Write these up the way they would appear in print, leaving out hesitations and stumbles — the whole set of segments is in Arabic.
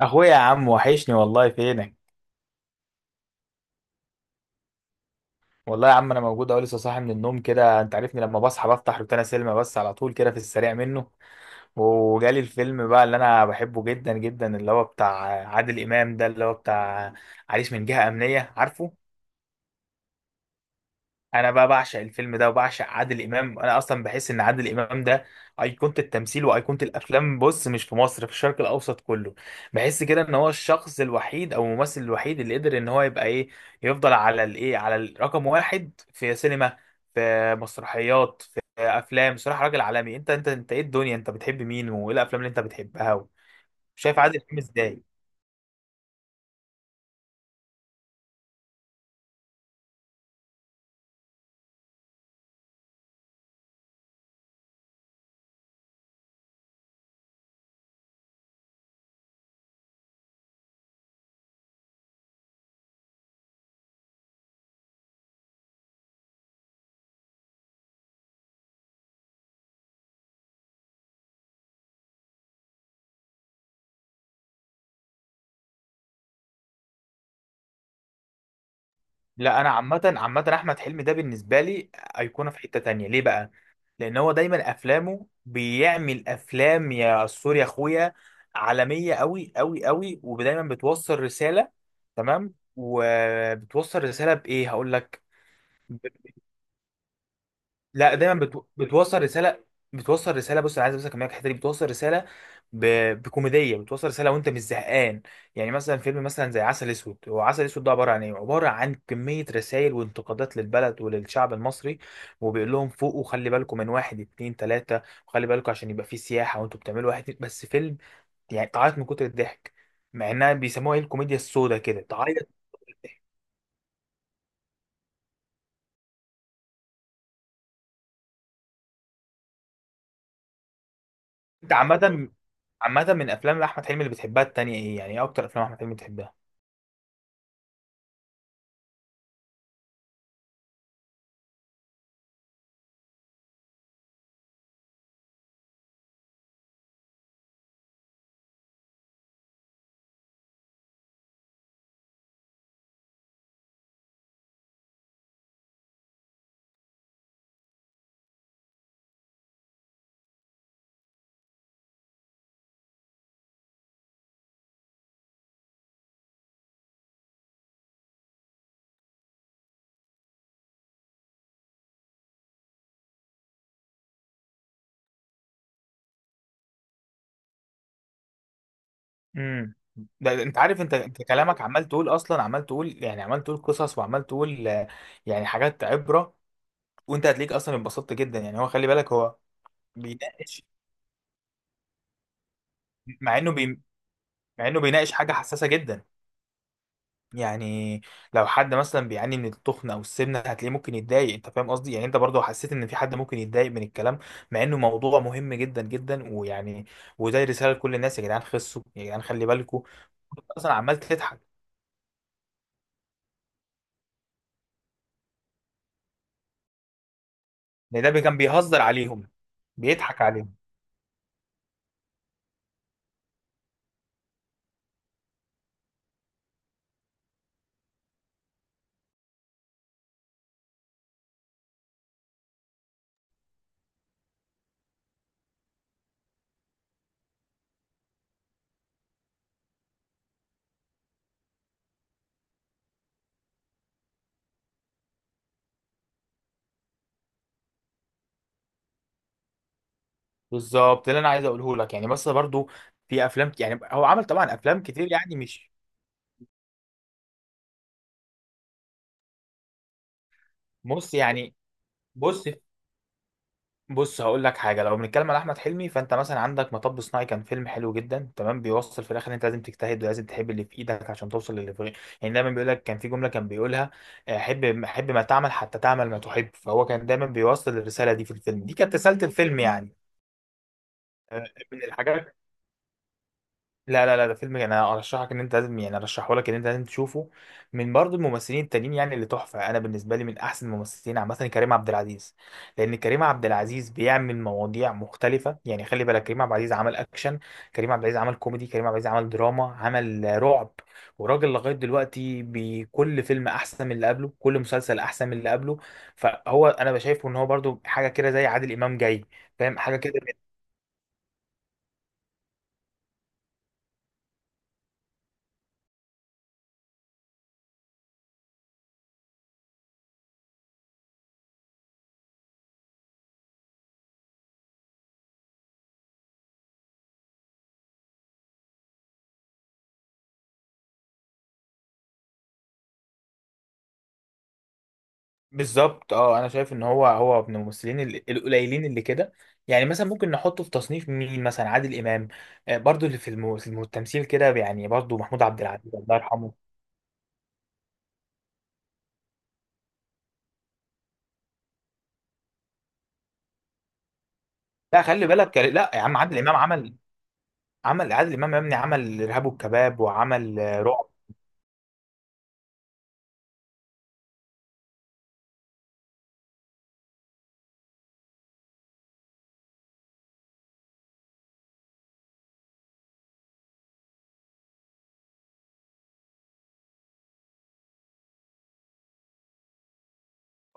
اخويا يا عم وحشني والله فينك. والله يا عم انا موجود اهو، لسه صاحي من النوم كده، انت عارفني لما بصحى بفتح روتانا سينما بس على طول كده في السريع منه. وجالي الفيلم بقى اللي انا بحبه جدا جدا، اللي هو بتاع عادل امام ده، اللي هو بتاع عريس من جهة امنية، عارفه؟ انا بقى بعشق الفيلم ده وبعشق عادل امام، انا اصلا بحس ان عادل امام ده ايقونه التمثيل وايقونه الافلام، بص، مش في مصر، في الشرق الاوسط كله. بحس كده ان هو الشخص الوحيد او الممثل الوحيد اللي قدر ان هو يبقى ايه، يفضل على الايه، على الرقم واحد في سينما، في مسرحيات، في افلام، صراحه راجل عالمي. انت ايه الدنيا؟ انت بتحب مين وايه الافلام اللي انت بتحبها؟ شايف عادل امام ازاي؟ لا، انا عامه عامه احمد حلمي ده بالنسبه لي ايقونه في حته تانية، ليه بقى؟ لان هو دايما افلامه بيعمل افلام يا سوري يا اخويا عالميه قوي قوي قوي، ودايما بتوصل رساله. تمام، وبتوصل رساله بايه؟ هقول لك. لا، دايما بتوصل رساله، بتوصل رساله. بص، انا عايز بس اكملك الحته دي، بتوصل رساله ب... بكوميديه، بتوصل رساله وانت مش زهقان. يعني مثلا فيلم مثلا زي عسل اسود، هو عسل اسود ده عباره عن ايه؟ عباره عن كميه رسائل وانتقادات للبلد وللشعب المصري، وبيقول لهم فوقوا، خلي بالكم من واحد اتنين تلاته، وخلي بالكم عشان يبقى في سياحه، وانتوا بتعملوا واحد اتنين، بس فيلم يعني تعيط من كتر الضحك، مع انها بيسموها ايه، الكوميديا السوداء كده، تعيط من الضحك. انت عامه عامه، من افلام احمد حلمي اللي بتحبها التانيه ايه؟ يعني ايه اكتر افلام احمد حلمي بتحبها؟ امم ده انت عارف، انت كلامك عمال تقول اصلا، عمال تقول يعني، عمال تقول قصص، وعمال تقول يعني حاجات عبره. وانت هتليك اصلا اتبسطت جدا، يعني هو خلي بالك هو بيناقش، مع انه بي مع انه بيناقش حاجه حساسه جدا. يعني لو حد مثلا بيعاني من التخن او السمنه هتلاقيه ممكن يتضايق، انت فاهم قصدي؟ يعني انت برضو حسيت ان في حد ممكن يتضايق من الكلام، مع انه موضوع مهم جدا جدا ويعني، وزي رساله لكل الناس، يا جدعان خسوا، يا جدعان خلي بالكم. اصلا عمال تضحك، ان ده كان بيهزر عليهم، بيضحك عليهم. بالظبط، اللي انا عايز اقوله لك يعني، بس برضو في افلام يعني هو عمل طبعا افلام كتير، يعني مش بص يعني، بص، بص هقول لك حاجه. لو بنتكلم على احمد حلمي فانت مثلا عندك مطب صناعي، كان فيلم حلو جدا، تمام، بيوصل في الاخر إن انت لازم تجتهد ولازم تحب اللي في ايدك عشان توصل للي في غيرك. يعني دايما بيقول لك، كان في جمله كان بيقولها حب حب ما تعمل حتى تعمل ما تحب، فهو كان دايما بيوصل الرساله دي في الفيلم، دي كانت رساله الفيلم يعني. آه، من الحاجات، لا لا لا، ده فيلم يعني انا ارشحك ان انت لازم، يعني ارشحه لك ان انت لازم تشوفه. من برضو الممثلين التانيين يعني اللي تحفه، انا بالنسبه لي من احسن الممثلين عامه كريم عبد العزيز، لان كريم عبد العزيز بيعمل مواضيع مختلفه، يعني خلي بالك كريم عبد العزيز عمل اكشن، كريم عبد العزيز عمل كوميدي، كريم عبد العزيز عمل دراما، عمل رعب، وراجل لغايه دلوقتي بكل فيلم احسن من اللي قبله، كل مسلسل احسن من اللي قبله. فهو انا بشايفه ان هو برضو حاجه كده زي عادل امام جاي. فاهم حاجه كده. بالظبط، اه انا شايف ان هو، هو من الممثلين القليلين اللي كده، يعني مثلا ممكن نحطه في تصنيف مين، مثلا عادل امام، برضو اللي في التمثيل كده يعني، برضو محمود عبد العزيز الله يرحمه. لا خلي بالك، لا يا عم، عادل امام عمل عادل امام يا ابني عمل ارهاب والكباب، وعمل رعب.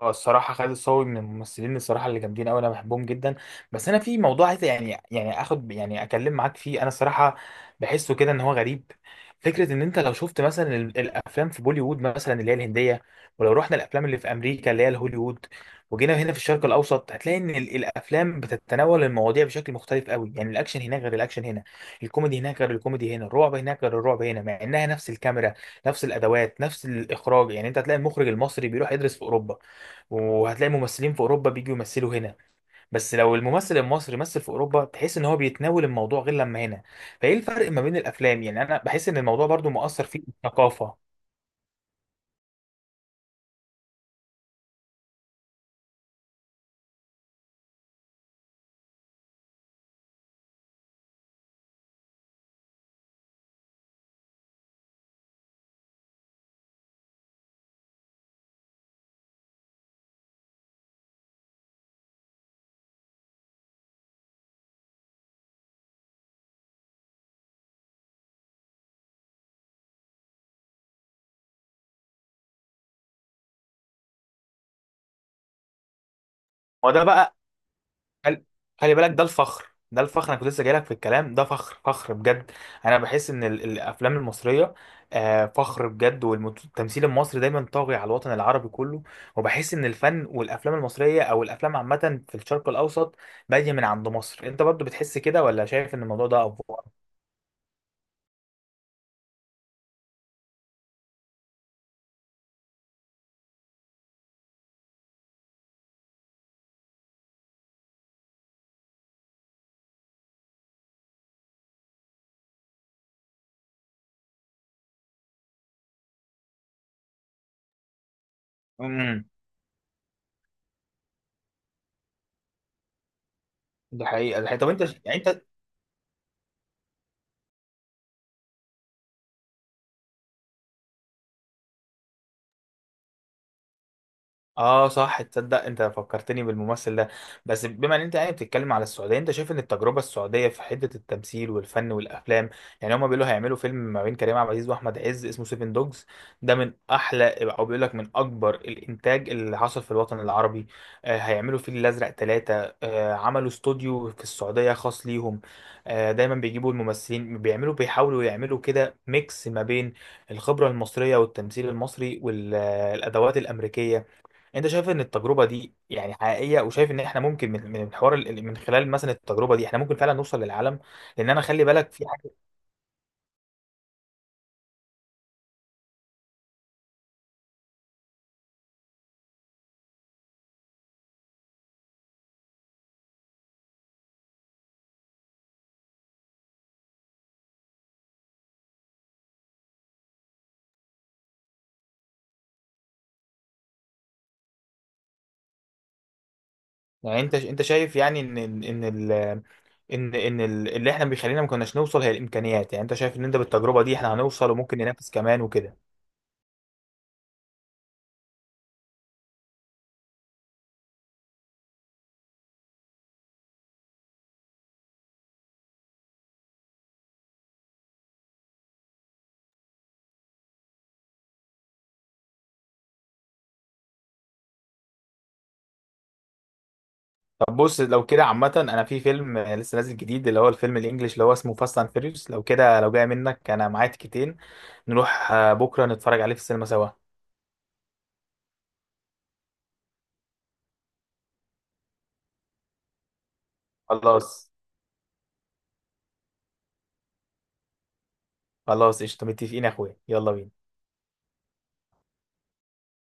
اه الصراحة خالد الصاوي من الممثلين، الصراحة اللي جامدين أوي أنا بحبهم جدا. بس أنا في موضوع عايز يعني، يعني آخد، يعني أكلم معاك فيه، أنا الصراحة بحسه كده إن هو غريب. فكرة إن أنت لو شفت مثلا الأفلام في بوليوود مثلا اللي هي الهندية، ولو رحنا الأفلام اللي في أمريكا اللي هي الهوليوود، وجينا هنا في الشرق الأوسط، هتلاقي إن الأفلام بتتناول المواضيع بشكل مختلف أوي. يعني الأكشن هناك غير الأكشن هنا، الكوميدي هناك غير الكوميدي هنا، الرعب هناك غير الرعب هنا، مع إنها نفس الكاميرا، نفس الأدوات، نفس الإخراج. يعني أنت هتلاقي المخرج المصري بيروح يدرس في أوروبا، وهتلاقي ممثلين في اوروبا بيجوا يمثلوا هنا. بس لو الممثل المصري مثل في اوروبا تحس ان هو بيتناول الموضوع غير لما هنا، فايه الفرق ما بين الافلام؟ يعني انا بحس ان الموضوع برضو مؤثر فيه الثقافه. وده بقى، خل- خلي بالك ده الفخر، ده الفخر، انا كنت لسه جايلك في الكلام ده، فخر فخر بجد. انا بحس ان الافلام المصريه فخر بجد، والتمثيل المصري دايما طاغي على الوطن العربي كله. وبحس ان الفن والافلام المصريه او الافلام عامه في الشرق الاوسط باديه من عند مصر، انت برضو بتحس كده ولا شايف ان الموضوع ده افوار؟ امم ده حقيقه، ده حقيقة. طب انت يعني انت. اه صح، تصدق انت فكرتني بالممثل ده، بس بما ان انت يعني بتتكلم على السعوديه، انت شايف ان التجربه السعوديه في حته التمثيل والفن والافلام؟ يعني هما بيقولوا هيعملوا فيلم ما بين كريم عبد العزيز واحمد عز اسمه سيفن دوجز، ده من احلى او بيقول لك من اكبر الانتاج اللي حصل في الوطن العربي. آه هيعملوا فيل الازرق 3، آه عملوا استوديو في السعوديه خاص ليهم. آه دايما بيجيبوا الممثلين، بيعملوا بيحاولوا يعملوا كده ميكس ما بين الخبره المصريه والتمثيل المصري والادوات الامريكيه. انت شايف ان التجربه دي يعني حقيقيه؟ وشايف ان احنا ممكن من الحوار من خلال مثلا التجربه دي احنا ممكن فعلا نوصل للعالم؟ لان انا خلي بالك في حاجه. يعني انت، انت شايف يعني اللي احنا بيخلينا ما كناش نوصل هي الامكانيات، يعني انت شايف ان انت بالتجربه دي احنا هنوصل وممكن ننافس كمان وكده؟ طب بص لو كده عامه، انا في فيلم لسه نازل جديد اللي هو الفيلم الانجليش اللي هو اسمه فاست اند فيريوس، لو كده لو جاي منك انا معايا تيكتين نروح بكره نتفرج عليه في السينما سوا. خلاص خلاص، قشطه، متفقين يا اخويا، يلا بينا.